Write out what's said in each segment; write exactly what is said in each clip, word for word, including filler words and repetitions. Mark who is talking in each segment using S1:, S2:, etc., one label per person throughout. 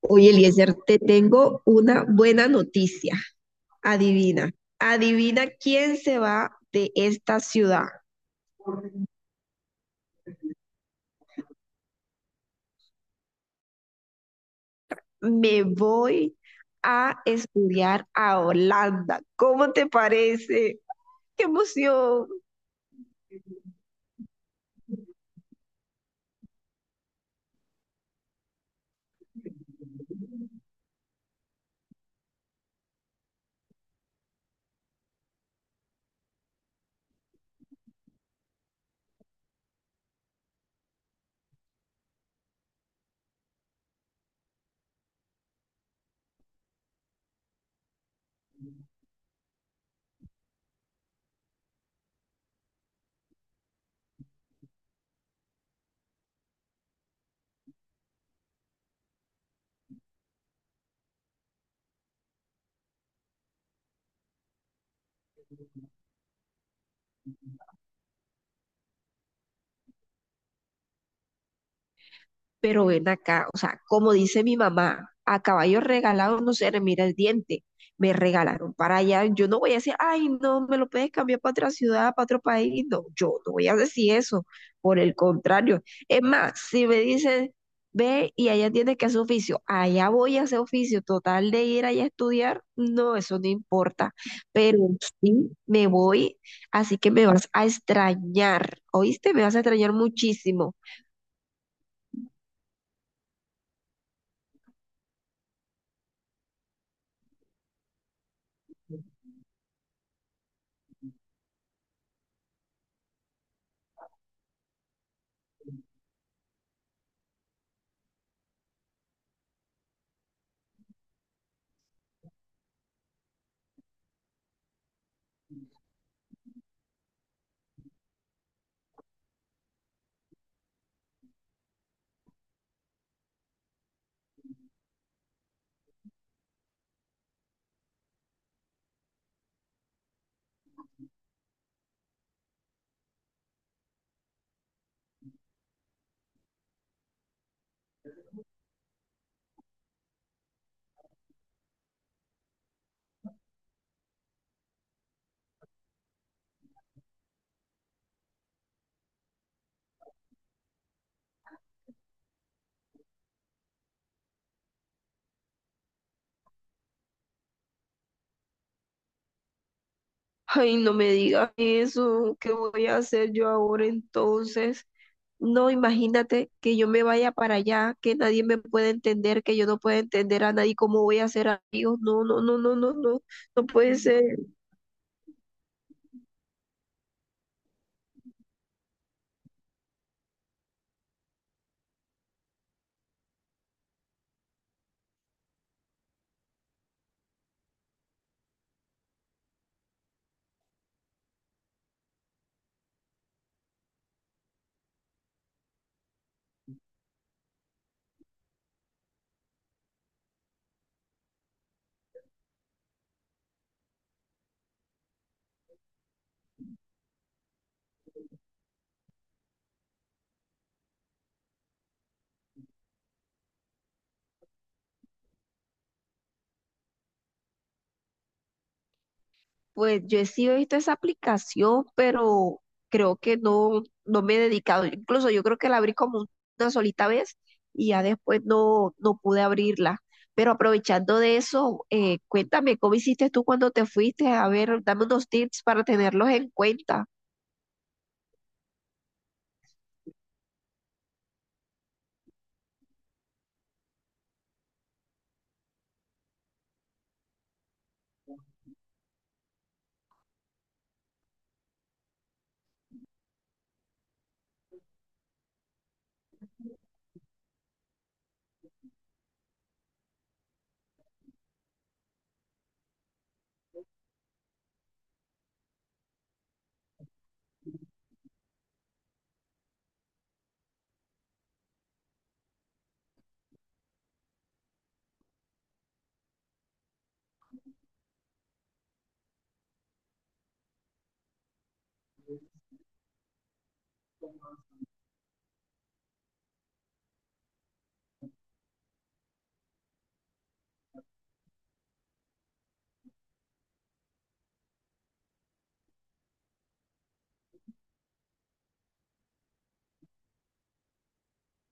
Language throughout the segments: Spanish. S1: Oye, Eliezer, te tengo una buena noticia. Adivina, adivina quién se va de esta ciudad. Me voy a estudiar a Holanda. ¿Cómo te parece? ¡Qué emoción! Pero ven acá, o sea, como dice mi mamá, a caballo regalado no se le mira el diente. Me regalaron para allá. Yo no voy a decir, ay, no, me lo puedes cambiar para otra ciudad, para otro país. No, yo no voy a decir eso. Por el contrario. Es más, si me dicen, ve y allá tienes que hacer oficio, allá voy a hacer oficio. Total de ir allá a estudiar, no, eso no importa. Pero sí, me voy, así que me vas a extrañar. ¿Oíste? Me vas a extrañar muchísimo. Ay, no me digas eso, ¿qué voy a hacer yo ahora entonces? No, imagínate que yo me vaya para allá, que nadie me pueda entender, que yo no pueda entender a nadie, ¿cómo voy a hacer amigos? No, no, no, no, no, no, no puede ser. Pues yo he sido visto esa aplicación, pero creo que no, no me he dedicado. Incluso yo creo que la abrí como una solita vez y ya después no, no pude abrirla. Pero aprovechando de eso, eh, cuéntame, ¿cómo hiciste tú cuando te fuiste? A ver, dame unos tips para tenerlos en cuenta.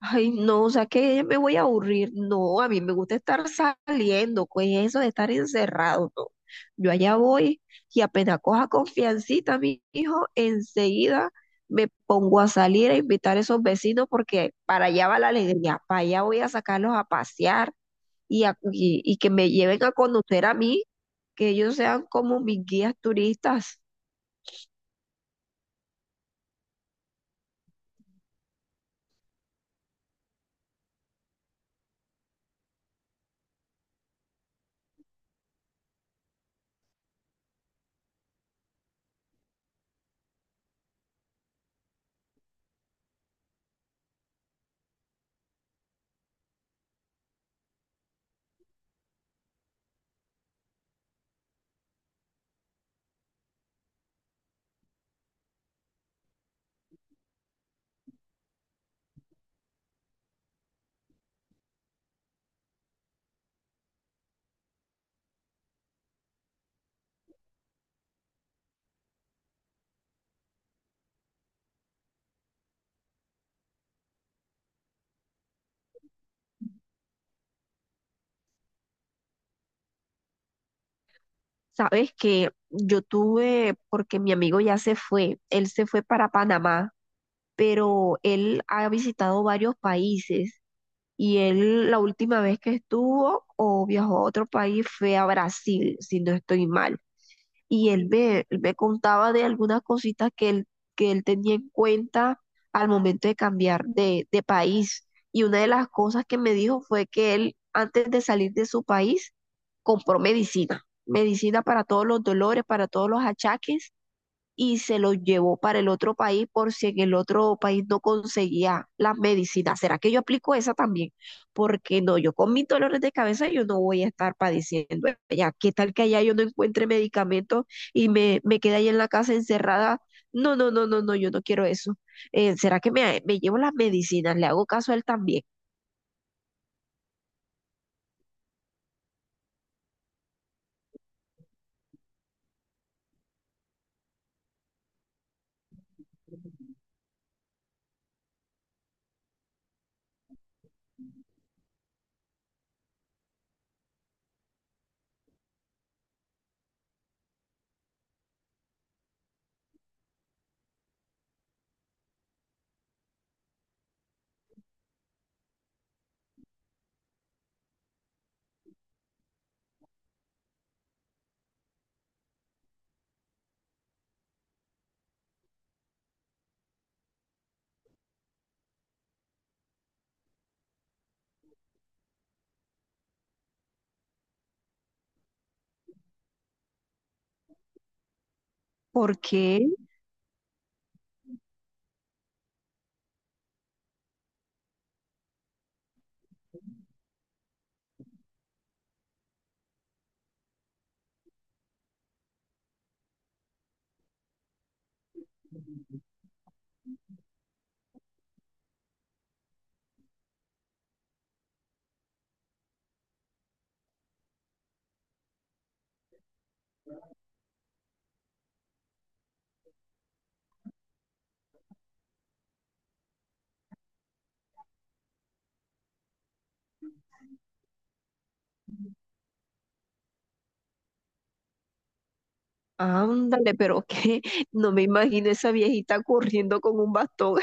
S1: Ay, no, o sea que ya me voy a aburrir. No, a mí me gusta estar saliendo, pues eso de estar encerrado, no. Yo allá voy y apenas coja confiancita, mi hijo, enseguida me pongo a salir a invitar a esos vecinos porque para allá va la alegría, para allá voy a sacarlos a pasear y, a- y, y que me lleven a conocer a mí, que ellos sean como mis guías turistas. Sabes que yo tuve, porque mi amigo ya se fue, él se fue para Panamá. Pero él ha visitado varios países y él la última vez que estuvo o viajó a otro país fue a Brasil, si no estoy mal. Y él me, él me contaba de algunas cositas que él, que él tenía en cuenta al momento de cambiar de, de país. Y una de las cosas que me dijo fue que él, antes de salir de su país, compró medicina, medicina para todos los dolores, para todos los achaques y se los llevó para el otro país por si en el otro país no conseguía las medicinas. ¿Será que yo aplico esa también? Porque no, yo con mis dolores de cabeza yo no voy a estar padeciendo allá. ¿Qué tal que allá yo no encuentre medicamentos y me, me quede ahí en la casa encerrada? No, no, no, no, no, yo no quiero eso. Eh, ¿será que me, me llevo las medicinas? Le hago caso a él también. ¿Por qué? Ándale, pero que no me imagino esa viejita corriendo con un bastón.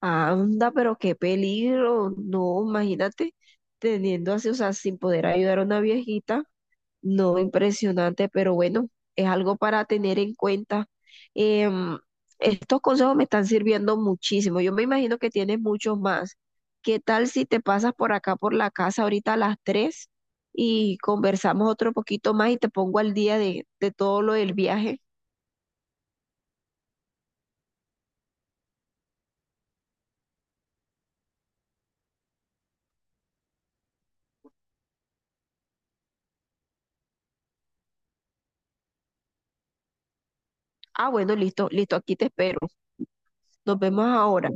S1: Anda, pero qué peligro. No, imagínate teniendo así, o sea, sin poder ayudar a una viejita. No, impresionante, pero bueno, es algo para tener en cuenta. Em, estos consejos me están sirviendo muchísimo. Yo me imagino que tienes muchos más. ¿Qué tal si te pasas por acá, por la casa, ahorita a las tres y conversamos otro poquito más y te pongo al día de, de todo lo del viaje? Ah, bueno, listo, listo, aquí te espero. Nos vemos ahora.